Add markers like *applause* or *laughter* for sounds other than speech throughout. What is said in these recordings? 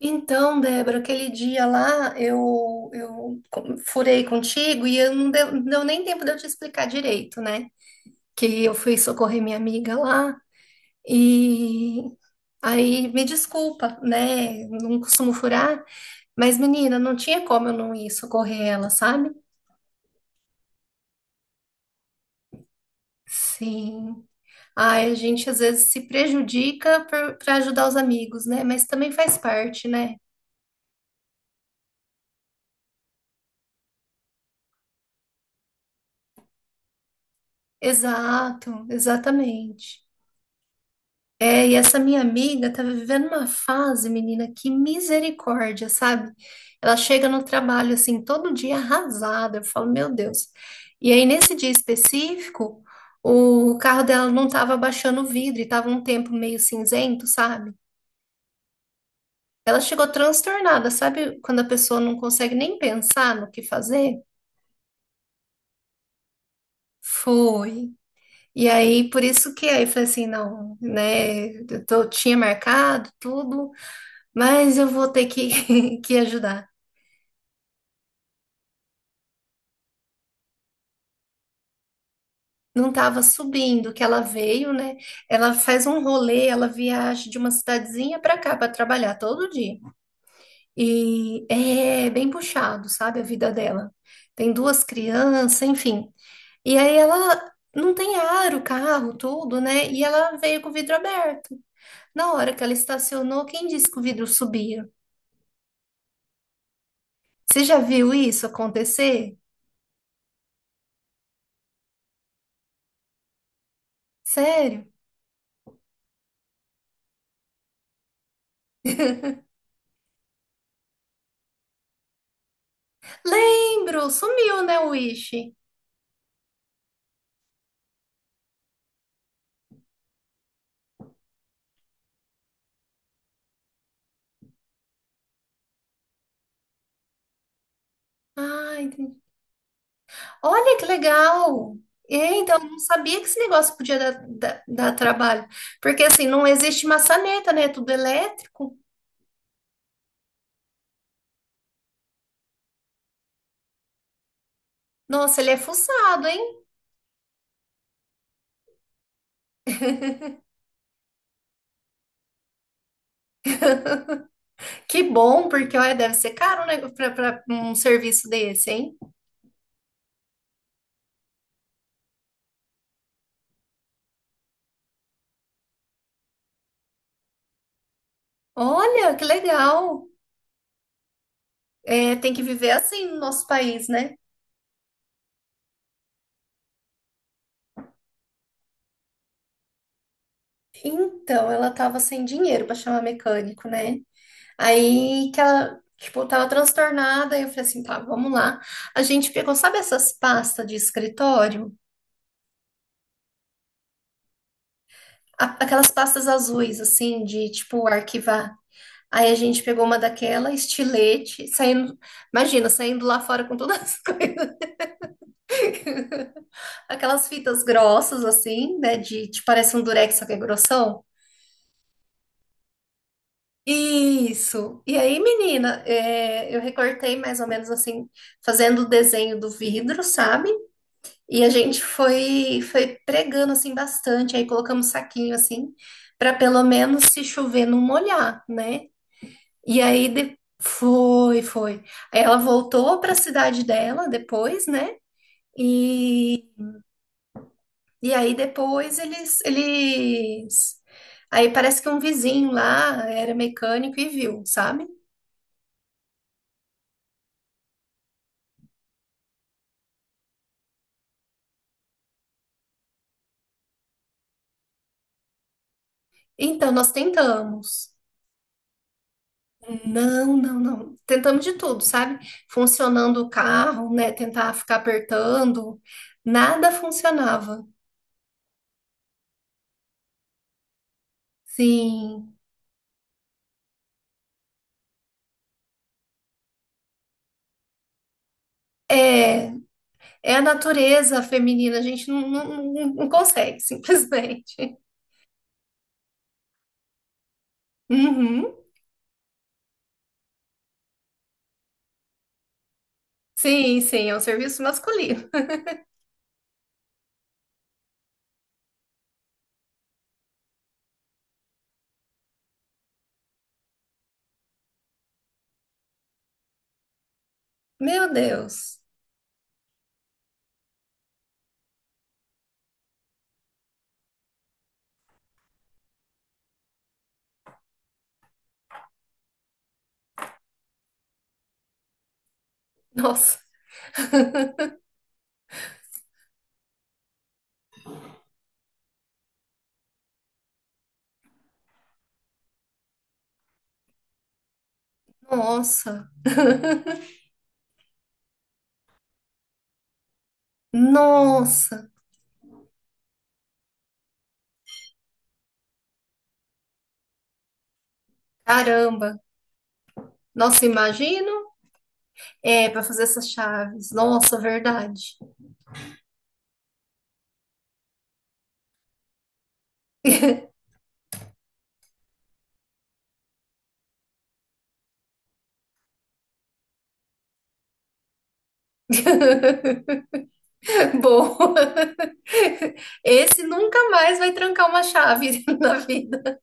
Então, Débora, aquele dia lá eu furei contigo e eu não deu nem tempo de eu te explicar direito, né? Que eu fui socorrer minha amiga lá e aí me desculpa, né? Não costumo furar, mas menina, não tinha como eu não ir socorrer ela, sabe? Sim. Ai, a gente às vezes se prejudica para ajudar os amigos, né? Mas também faz parte, né? Exato, exatamente. É, e essa minha amiga tá vivendo uma fase, menina, que misericórdia, sabe? Ela chega no trabalho assim, todo dia arrasada. Eu falo, meu Deus. E aí, nesse dia específico, o carro dela não tava baixando o vidro e tava um tempo meio cinzento, sabe? Ela chegou transtornada, sabe? Quando a pessoa não consegue nem pensar no que fazer. Foi. E aí, por isso que aí eu falei assim, não, né? Tinha marcado tudo, mas eu vou ter que, *laughs* que ajudar. Não estava subindo, que ela veio, né? Ela faz um rolê, ela viaja de uma cidadezinha para cá para trabalhar todo dia. E é bem puxado, sabe, a vida dela. Tem duas crianças, enfim. E aí ela não tem ar, o carro, tudo, né? E ela veio com o vidro aberto. Na hora que ela estacionou, quem disse que o vidro subia? Você já viu isso acontecer? Sério? Lembro, sumiu, né, o Wish? Ah, entendi. Olha que legal! É, então, eu não sabia que esse negócio podia dar trabalho. Porque, assim, não existe maçaneta, né? É tudo elétrico. Nossa, ele é fuçado, hein? *laughs* Que bom, porque, olha, deve ser caro, né? Para um serviço desse, hein? Olha, que legal! É, tem que viver assim no nosso país, né? Então, ela estava sem dinheiro para chamar mecânico, né? Aí que ela, tipo, tava transtornada, e eu falei assim, tá, vamos lá. A gente pegou, sabe essas pastas de escritório? A- Aquelas pastas azuis, assim, de, tipo, arquivar. Aí a gente pegou uma daquela, estilete, saindo, imagina, saindo lá fora com todas as *laughs* coisas. Aquelas fitas grossas, assim, né, de, tipo, parece um durex, só que é grossão. Isso. E aí, menina, é, eu recortei mais ou menos assim, fazendo o desenho do vidro, sabe? E a gente foi pregando assim bastante, aí colocamos saquinho assim, para pelo menos se chover não molhar, né? E aí foi, foi. Aí ela voltou para a cidade dela depois, né? E, e aí depois eles aí parece que um vizinho lá era mecânico e viu, sabe? Então nós tentamos. Não, não, não. Tentamos de tudo, sabe? Funcionando o carro, né? Tentar ficar apertando, nada funcionava. Sim. É, é a natureza feminina, a gente não consegue, *laughs* simplesmente. Uhum. Sim, sim, é um serviço masculino. Meu Deus. Nossa. *laughs* Nossa. Nossa. Caramba. Nossa, imagino. É, para fazer essas chaves. Nossa, verdade. *laughs* *laughs* Boa, esse nunca mais vai trancar uma chave *laughs* na vida.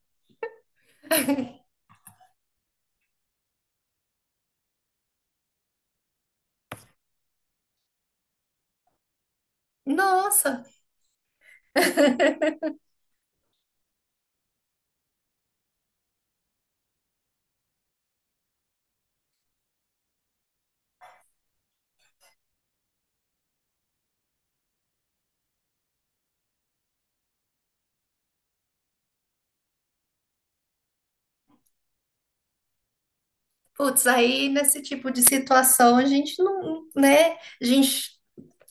Nossa, *laughs* putz, aí nesse tipo de situação a gente não, né? A gente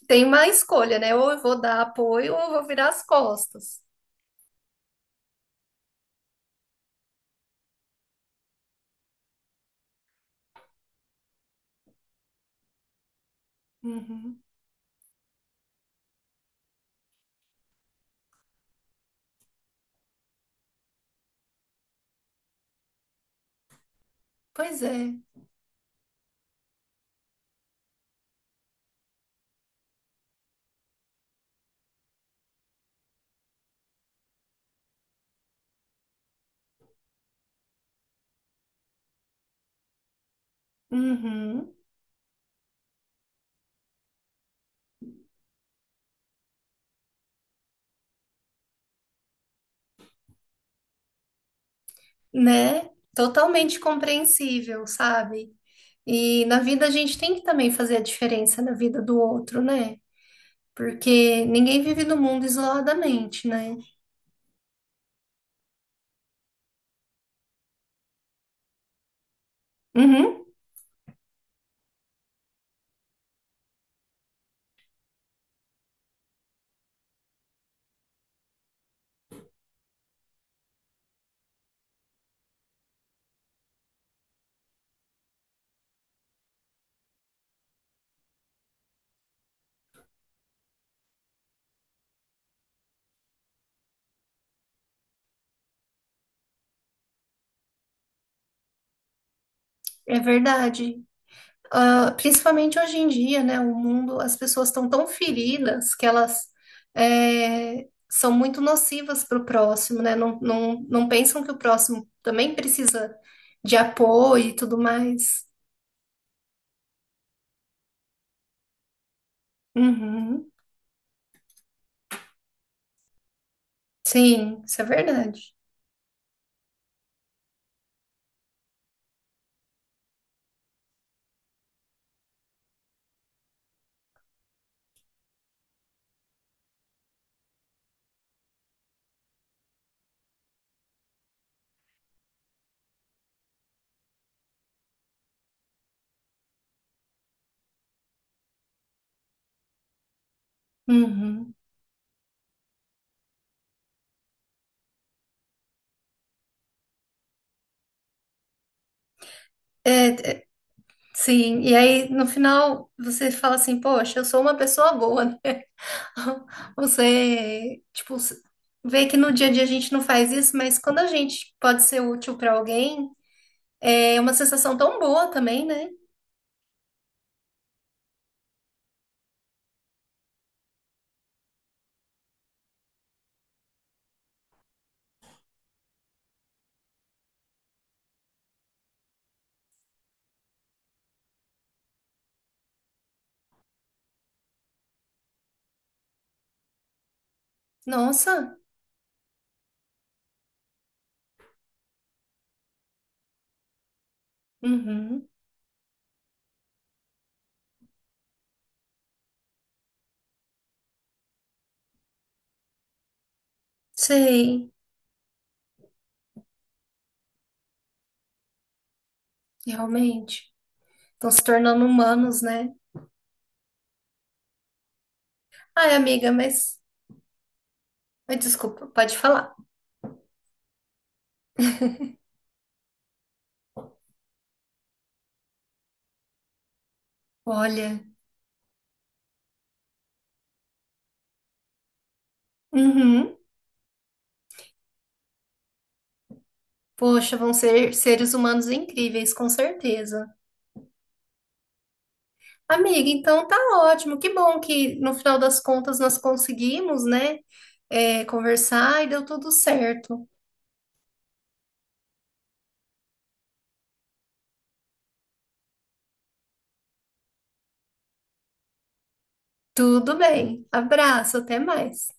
tem uma escolha, né? Ou eu vou dar apoio ou eu vou virar as costas. Uhum. Pois é. Uhum. Né? Totalmente compreensível, sabe? E na vida a gente tem que também fazer a diferença na vida do outro, né? Porque ninguém vive no mundo isoladamente, né? Uhum, é verdade. Ah, principalmente hoje em dia, né? O mundo, as pessoas estão tão feridas que elas é, são muito nocivas para o próximo, né? Não pensam que o próximo também precisa de apoio e tudo mais. Uhum, sim, isso é verdade. Uhum. É, é, sim, e aí no final você fala assim, poxa, eu sou uma pessoa boa, né? *laughs* Você, tipo, vê que no dia a dia a gente não faz isso, mas quando a gente pode ser útil para alguém, é uma sensação tão boa também, né? Nossa, uhum, sei, realmente. Estão se tornando humanos, né? Ai, amiga, mas. Ai, desculpa, pode falar. Olha, uhum, poxa, vão ser seres humanos incríveis, com certeza. Amiga, então tá ótimo. Que bom que no final das contas nós conseguimos, né? É, conversar e deu tudo certo. Tudo bem. Abraço, até mais.